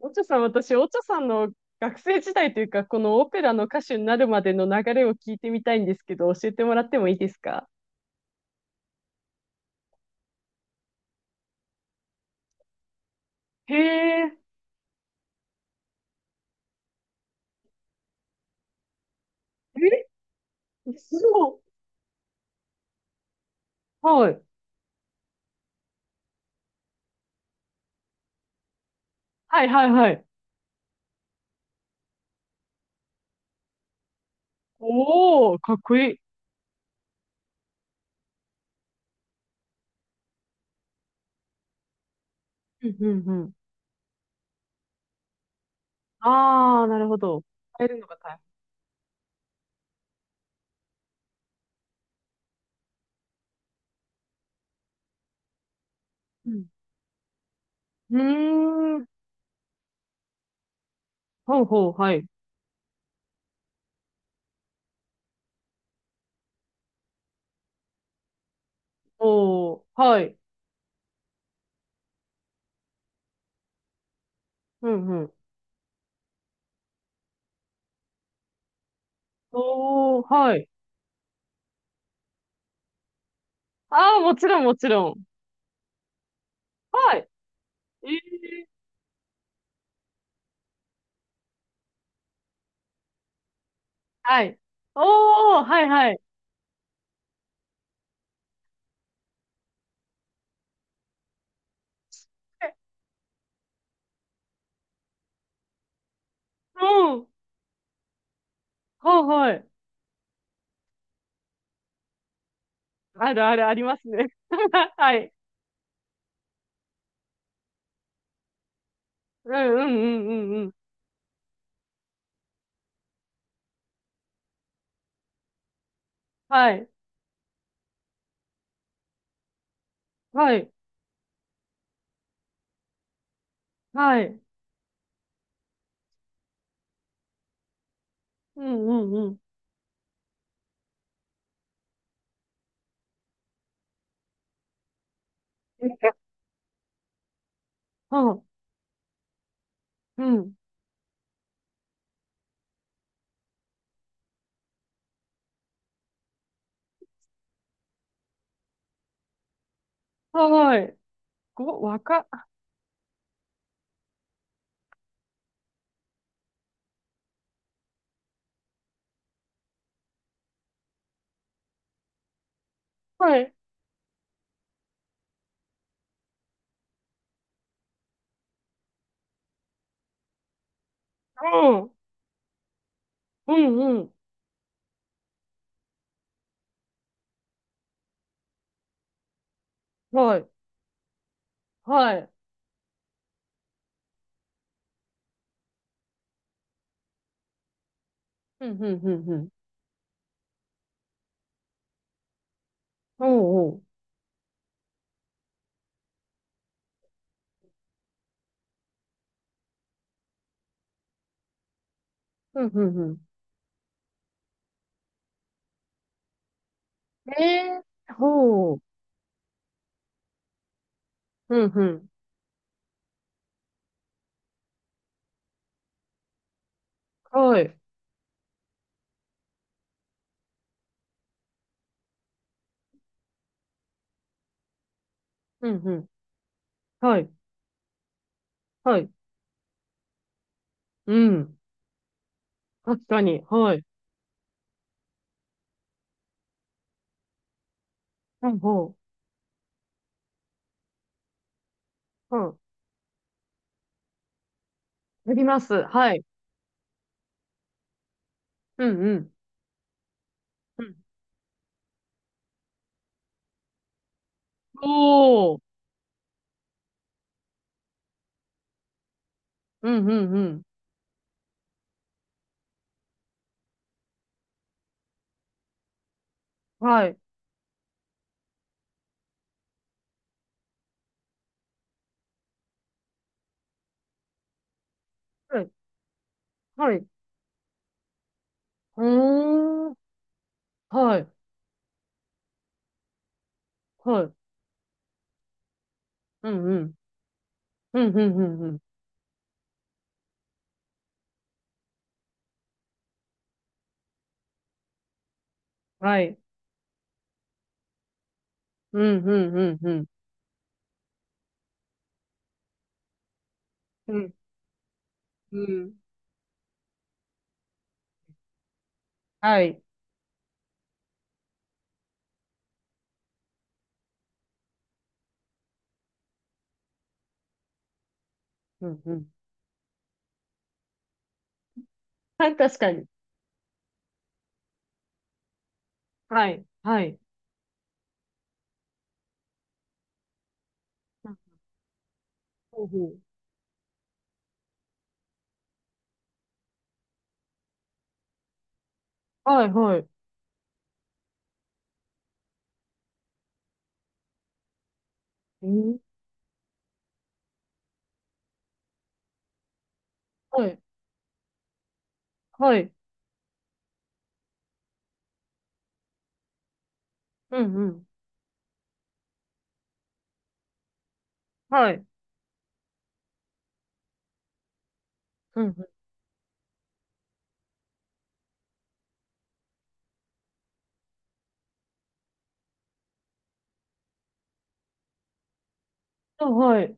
オチョさん、私、オチョさんの学生時代というか、このオペラの歌手になるまでの流れを聞いてみたいんですけど、教えてもらってもいいですか？へえ。え、そう。はい。はいはいはい。おー、かっこいい。うんうんうん。あー、なるほど。変えるのが大変。うん。うーん。ほうほう、はい。おー、はい。うんうん。おー、はい。あー、もちろんもちろん。はい。えー、はい。おー、はいはい。え、うん。はいはい。あるあるありますね。はい。うんうんうんうんうん。はい。はい。はい。うんうんうん。うん。うん。はい。ご、わか、はい。うん。うんうん。はい。はい。うんうんうんうん。おうおう。うんうんうん。えー。ほう。うんうん。はい。うんうん。はい。はい。うん。確かに。はい。うん、ほう。うん。やります。はい。うんうん。おー。うんうんうん。はい。はい。はい。うーん。はい。はい。うんうん。うんうんうんうん。はい。うんうんうんうん。うん。うん。はい。うんうん。はい、確かに。はい。はい。うん、ほうほう。はい、はい。えー、はい。はい。うんうん。はい。うんうん。あ、はい。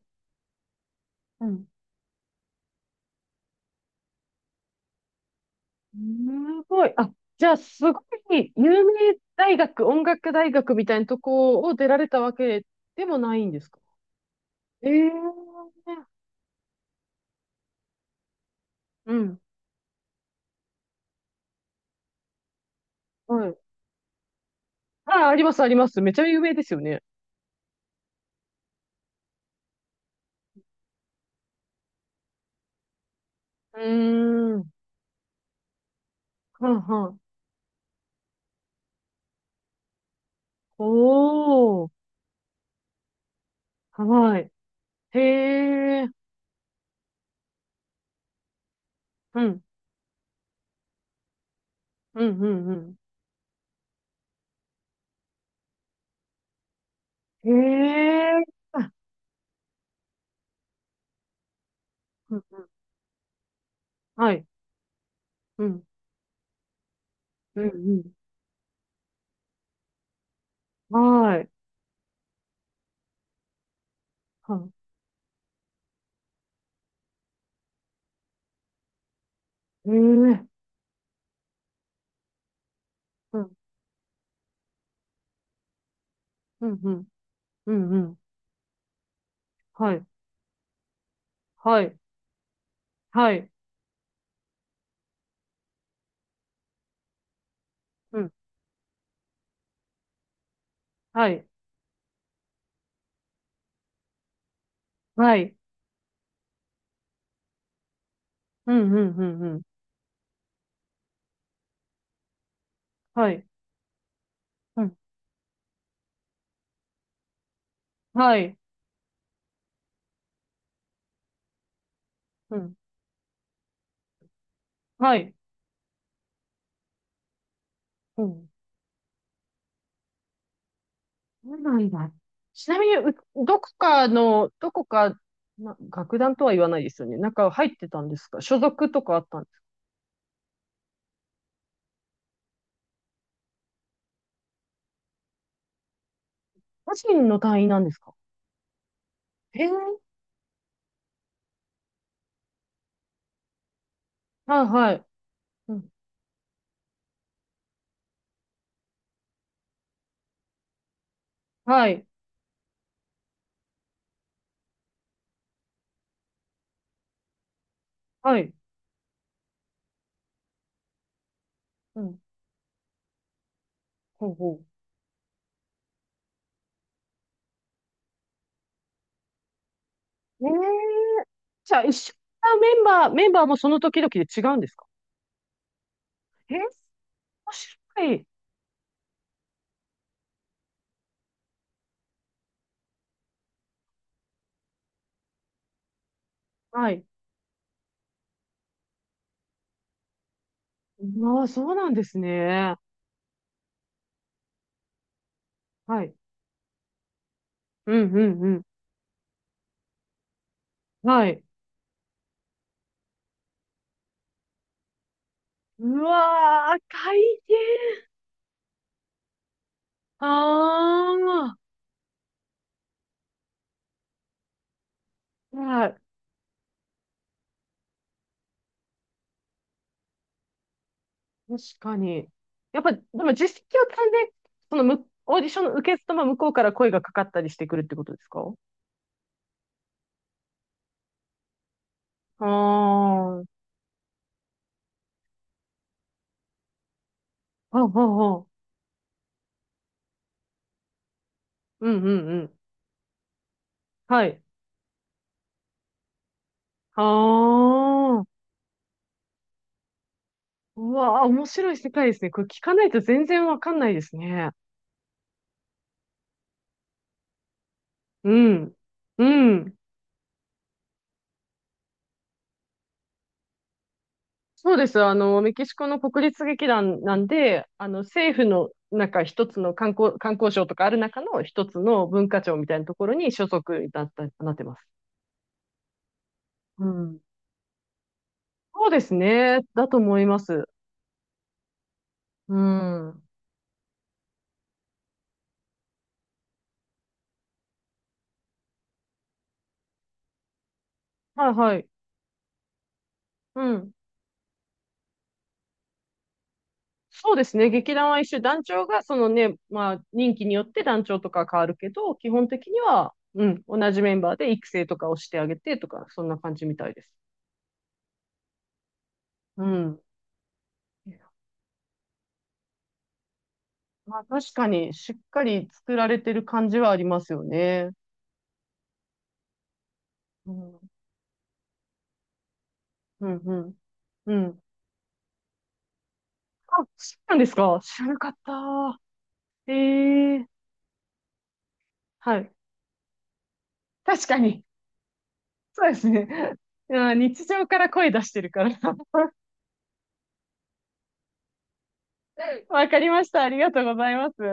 うん。すごい。あ、じゃあ、すごい、有名大学、音楽大学みたいなとこを出られたわけでもないんですか？ええ、うん。はい。あ、あります、あります。めちゃ有名ですよね。うーん。はんはん。おー。はい。へえ。うん。うん、うん、うん。へえ。うん、はい。うん。うん、うん。はい。はい。へえ。うん。うん、うん。うん、うん。はい。はい。はい。うん。はい。はい。うん、うん、うん、うん。はい。うん。はい。うん。はい。うん。そうなんだ。ちなみに、どこかの、どこか、な、楽団とは言わないですよね。なんか入ってたんですか？所属とかあったんですか？個人の単位なんですか？えー、はいはい。うん、はい、はい。うん、ほうほう。えー、じゃあ一緒なメンバー、もその時々で違うんですか？えー、面白い。はい。まあ、そうなんですね。はい。うん、うん、うん。はい。うわー、大変。ああ。はい、確かに。やっぱ、でも実績を積んで、そのむ、オーディションの受け付けも向こうから声がかかったりしてくるってことですか？ああ、はあ、はあ、うんうんうん。はい。ああ、うわあ、面白い世界ですね。これ聞かないと全然わかんないですね。うん。うん。そうです。あの、メキシコの国立劇団なんで、あの、政府の、なんか一つの観光、観光省とかある中の一つの文化庁みたいなところに所属になった、なってます。うん。そうですね。だと思います。うん。はいはい。うん。そうですね。劇団は一緒。団長が、そのね、まあ、任期によって団長とか変わるけど、基本的には、うん、同じメンバーで育成とかをしてあげてとか、そんな感じみたいです。うん。まあ、確かに、しっかり作られてる感じはありますよね。うん、うん、うん。うん。あ、そうなんですか？知らなかった。ええ、はい。確かに。そうですね。うん、日常から声出してるから。わかりました。ありがとうございます。